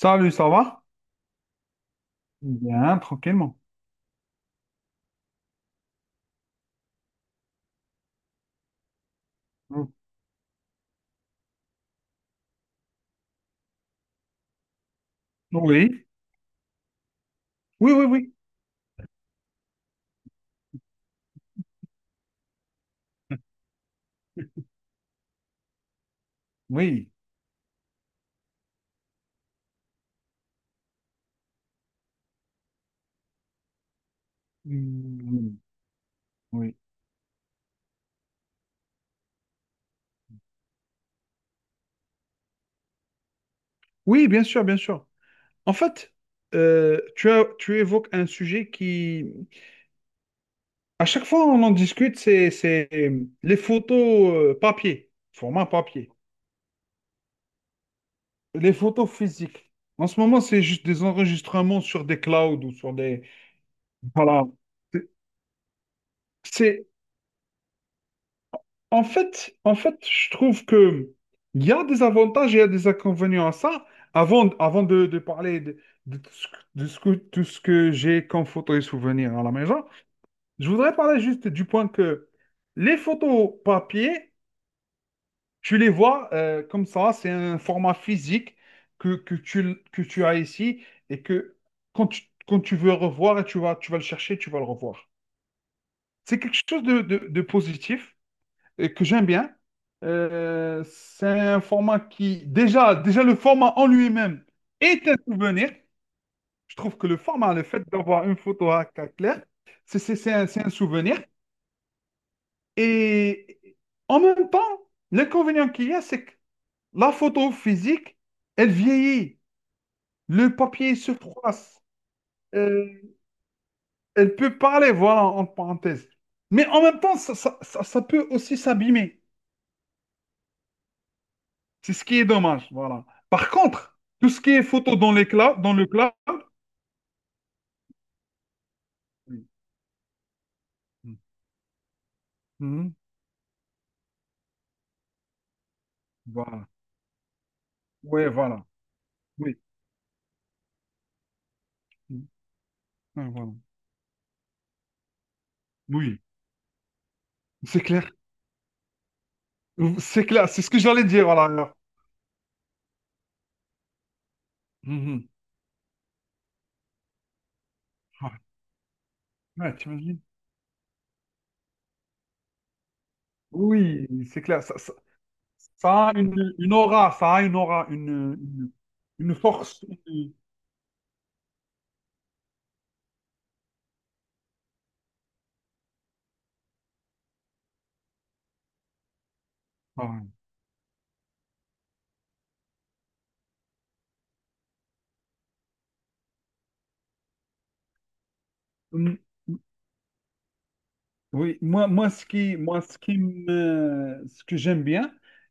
Salut, ça va? Bien, tranquillement. Oh, oui, oui, oui, oui, oui, mm, oui, oui, bien sûr, bien sûr. En fait, tu évoques un sujet qui, à chaque fois on en discute, c'est, les photos papier, format papier, les photos physiques. En ce moment, c'est juste des enregistrements sur des clouds ou voilà. C'est, en fait, je trouve que il y a des avantages et il y a des inconvénients à ça. Avant de parler de tout ce que j'ai comme photos et souvenirs à la maison, je voudrais parler juste du point que les photos papier, tu les vois comme ça, c'est un format physique que tu as ici et que quand tu veux revoir, tu vas le chercher, tu vas le revoir. C'est quelque chose de positif et que j'aime bien. C'est un format qui, déjà le format en lui-même est un souvenir. Je trouve que le format, le fait d'avoir une photo à cas clair, c'est un souvenir. Et en même temps, l'inconvénient qu'il y a, c'est que la photo physique, elle vieillit. Le papier se froisse. Euh, elle peut parler, voilà, en parenthèse. Mais en même temps, ça peut aussi s'abîmer. C'est ce qui est dommage, voilà. Par contre, tout ce qui est photo dans le cloud, oui. Mhm. Mhm. Voilà. Ouais, voilà. Oui. Mhm. Ouais, voilà. Oui, c'est clair. C'est clair, c'est ce que j'allais dire, voilà. Alors. Mhm. Ouais, ouais, t'imagines? Oui, c'est clair. Ça a une aura, ça a une aura, une force. Ouais. Oui, moi, moi, ce qui me, ce que j'aime bien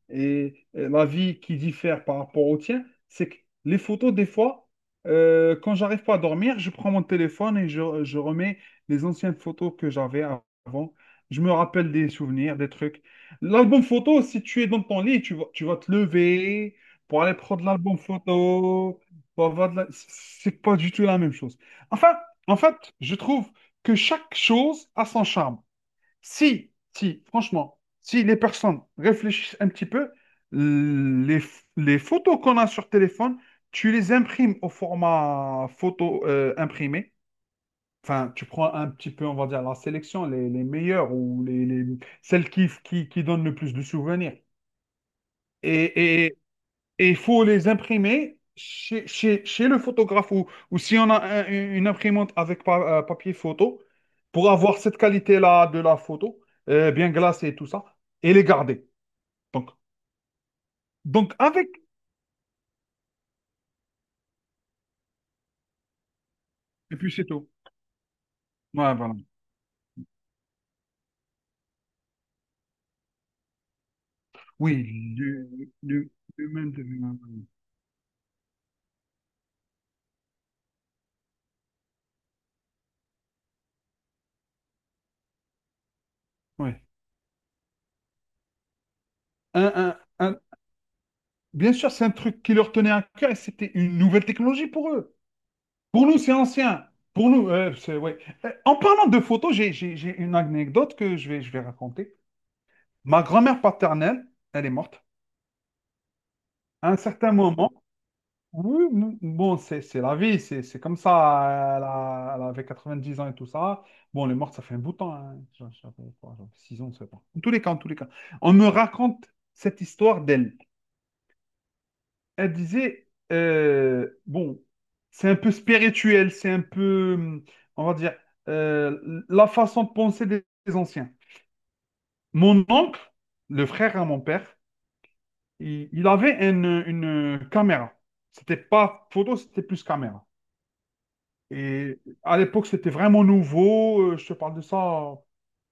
et la vie qui diffère par rapport au tien, c'est que les photos, des fois, quand j'arrive pas à dormir, je prends mon téléphone et je remets les anciennes photos que j'avais avant. Je me rappelle des souvenirs, des trucs. L'album photo, si tu es dans ton lit, tu vas te lever pour aller prendre l'album photo. Pour avoir de la- C'est pas du tout la même chose. Enfin, en fait, je trouve que chaque chose a son charme. Si, franchement, si les personnes réfléchissent un petit peu, les, les photos qu'on a sur téléphone, tu les imprimes au format photo imprimé. Enfin, tu prends un petit peu, on va dire, la sélection, les meilleures ou celles qui donnent le plus de souvenirs. Et, et il faut les imprimer chez le photographe ou si on a une imprimante avec papier photo, pour avoir cette qualité-là de la photo, bien glacée et tout ça, et les garder. Donc, donc avec, et puis c'est tout. Ouais, voilà. Oui, du, du, du même de lui-même. Ouais. Un- un- un- Bien sûr, c'est un truc qui leur tenait à cœur et c'était une nouvelle technologie pour eux. Pour nous, c'est ancien. Pour nous, ouais. En parlant de photos, j'ai une anecdote que je vais raconter. Ma grand-mère paternelle, elle est morte. À un certain moment, oui, bon, c'est la vie, c'est comme ça. Elle avait 90 ans et tout ça. Bon, elle est morte, ça fait un bout de temps, hein. J'avais quoi, j'avais 6 ans, je sais pas. En tous les cas, en tous les cas. On me raconte cette histoire d'elle. Elle disait, bon, c'est un peu spirituel, c'est un peu, on va dire, la façon de penser des anciens. Mon oncle, le frère à mon père, il avait une caméra. C'était pas photo, c'était plus caméra. Et à l'époque, c'était vraiment nouveau. Je te parle de ça euh,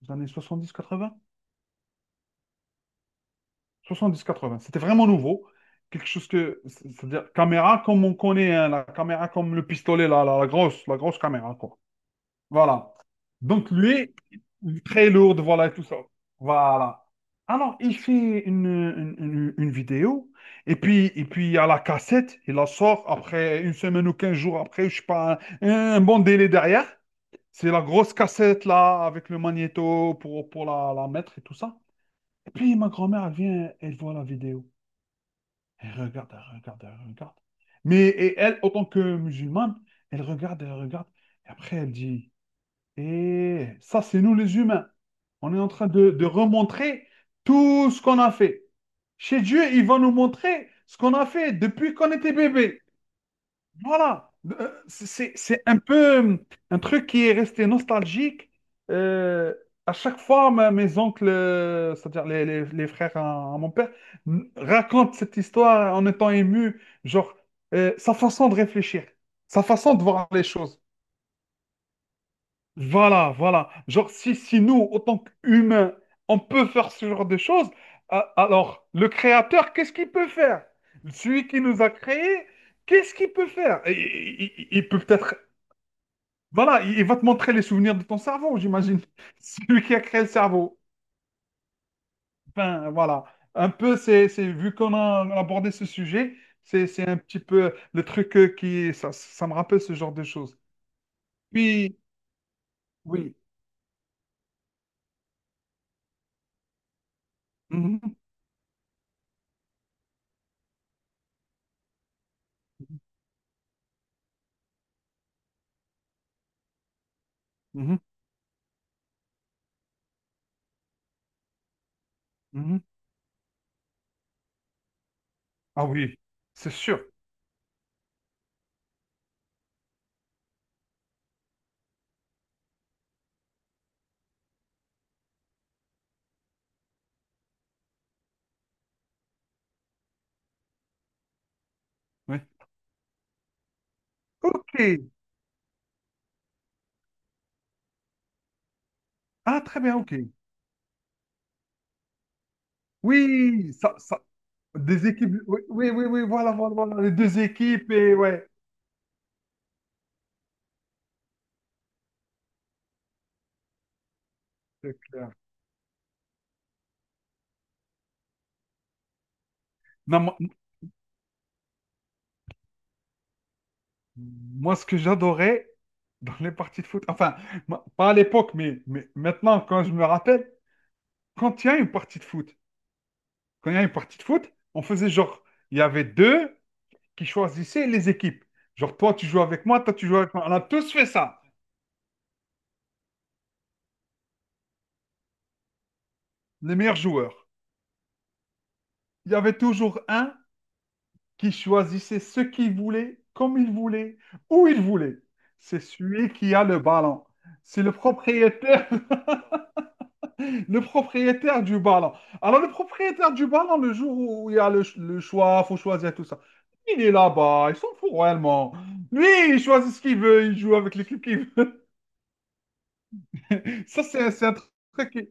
des années soixante-dix quatre-vingts. Soixante-dix quatre-vingts. C'était vraiment nouveau. Quelque chose que, c'est-à-dire caméra comme on connaît, hein, la caméra comme le pistolet, la grosse, la grosse, caméra, quoi. Voilà. Donc lui, très lourde, voilà, et tout ça. Voilà. Alors, il fait une vidéo, et puis il y a la cassette, il la sort après une semaine ou 15 jours après, je sais pas, un bon délai derrière. C'est la grosse cassette là, avec le magnéto pour la mettre et tout ça. Et puis ma grand-mère, elle vient, elle voit la vidéo. Elle regarde, elle regarde, elle regarde. Mais et elle, autant que musulmane, elle regarde, elle regarde. Et après, elle dit. Et ça, c'est nous les humains. On est en train de remontrer tout ce qu'on a fait. Chez Dieu, il va nous montrer ce qu'on a fait depuis qu'on était bébé. Voilà. C'est un peu un truc qui est resté nostalgique. Euh, à chaque fois, mes oncles, c'est-à-dire les frères à mon père, racontent cette histoire en étant émus. Genre, sa façon de réfléchir, sa façon de voir les choses. Voilà, voilà. Genre, si nous, autant qu'humains, on peut faire ce genre de choses, alors le créateur, qu'est-ce qu'il peut faire? Celui qui nous a créés, qu'est-ce qu'il peut faire? Il peut peut-être... Voilà, il va te montrer les souvenirs de ton cerveau, j'imagine. Celui qui a créé le cerveau. Ben, voilà. Un peu, c'est, vu qu'on a abordé ce sujet, c'est un petit peu le truc qui... Ça me rappelle ce genre de choses. Puis, oui. Mhm, mhm, mhm. Ah oui, c'est sûr. Ouais. Ok. Ah, très bien, ok. Oui, ça, des équipes. Oui, oui, oui, oui, voilà, voilà, voilà, les deux équipes, et ouais, c'est clair. Non, moi, ce que j'adorais dans les parties de foot, enfin, moi, pas à l'époque, mais maintenant, quand je me rappelle, quand il y a une partie de foot, quand il y a une partie de foot, on faisait genre, il y avait deux qui choisissaient les équipes. Genre, toi, tu joues avec moi, toi, tu joues avec moi. On a tous fait ça, les meilleurs joueurs. Il y avait toujours un qui choisissait ce qu'il voulait, comme il voulait, où il voulait. C'est celui qui a le ballon. C'est le propriétaire, le propriétaire du ballon. Alors, le propriétaire du ballon, le jour où il y a le choix, faut choisir tout ça. Il est là-bas, il s'en fout réellement. Lui, il choisit ce qu'il veut, il joue avec l'équipe qu'il veut. Ça, c'est un truc.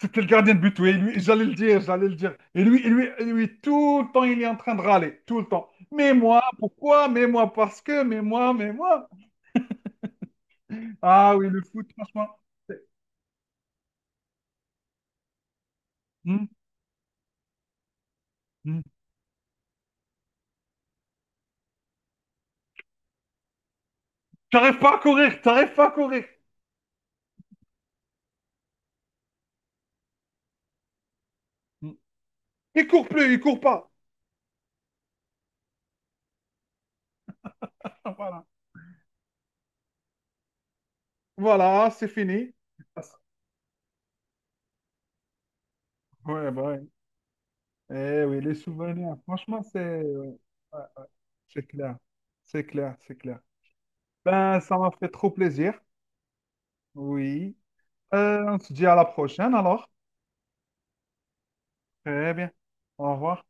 C'était le gardien de but, oui. Lui, j'allais le dire, j'allais le dire. Et lui, et lui, et lui, tout le temps, il est en train de râler, tout le temps. Mais moi, pourquoi? Mais moi, parce que, mais moi, mais moi. Ah oui, le foot, franchement. c'est- Hmm, hmm. T'arrives pas à courir, t'arrives pas à courir. Hmm. Il court plus, il court pas. Ah, voilà, voilà, c'est fini. Ouais, bah ouais. Eh oui, les souvenirs, franchement, c'est ouais, ouais, c'est clair. C'est clair, c'est clair. Ben, ça m'a fait trop plaisir. Oui. On se dit à la prochaine alors. Très bien. Au revoir.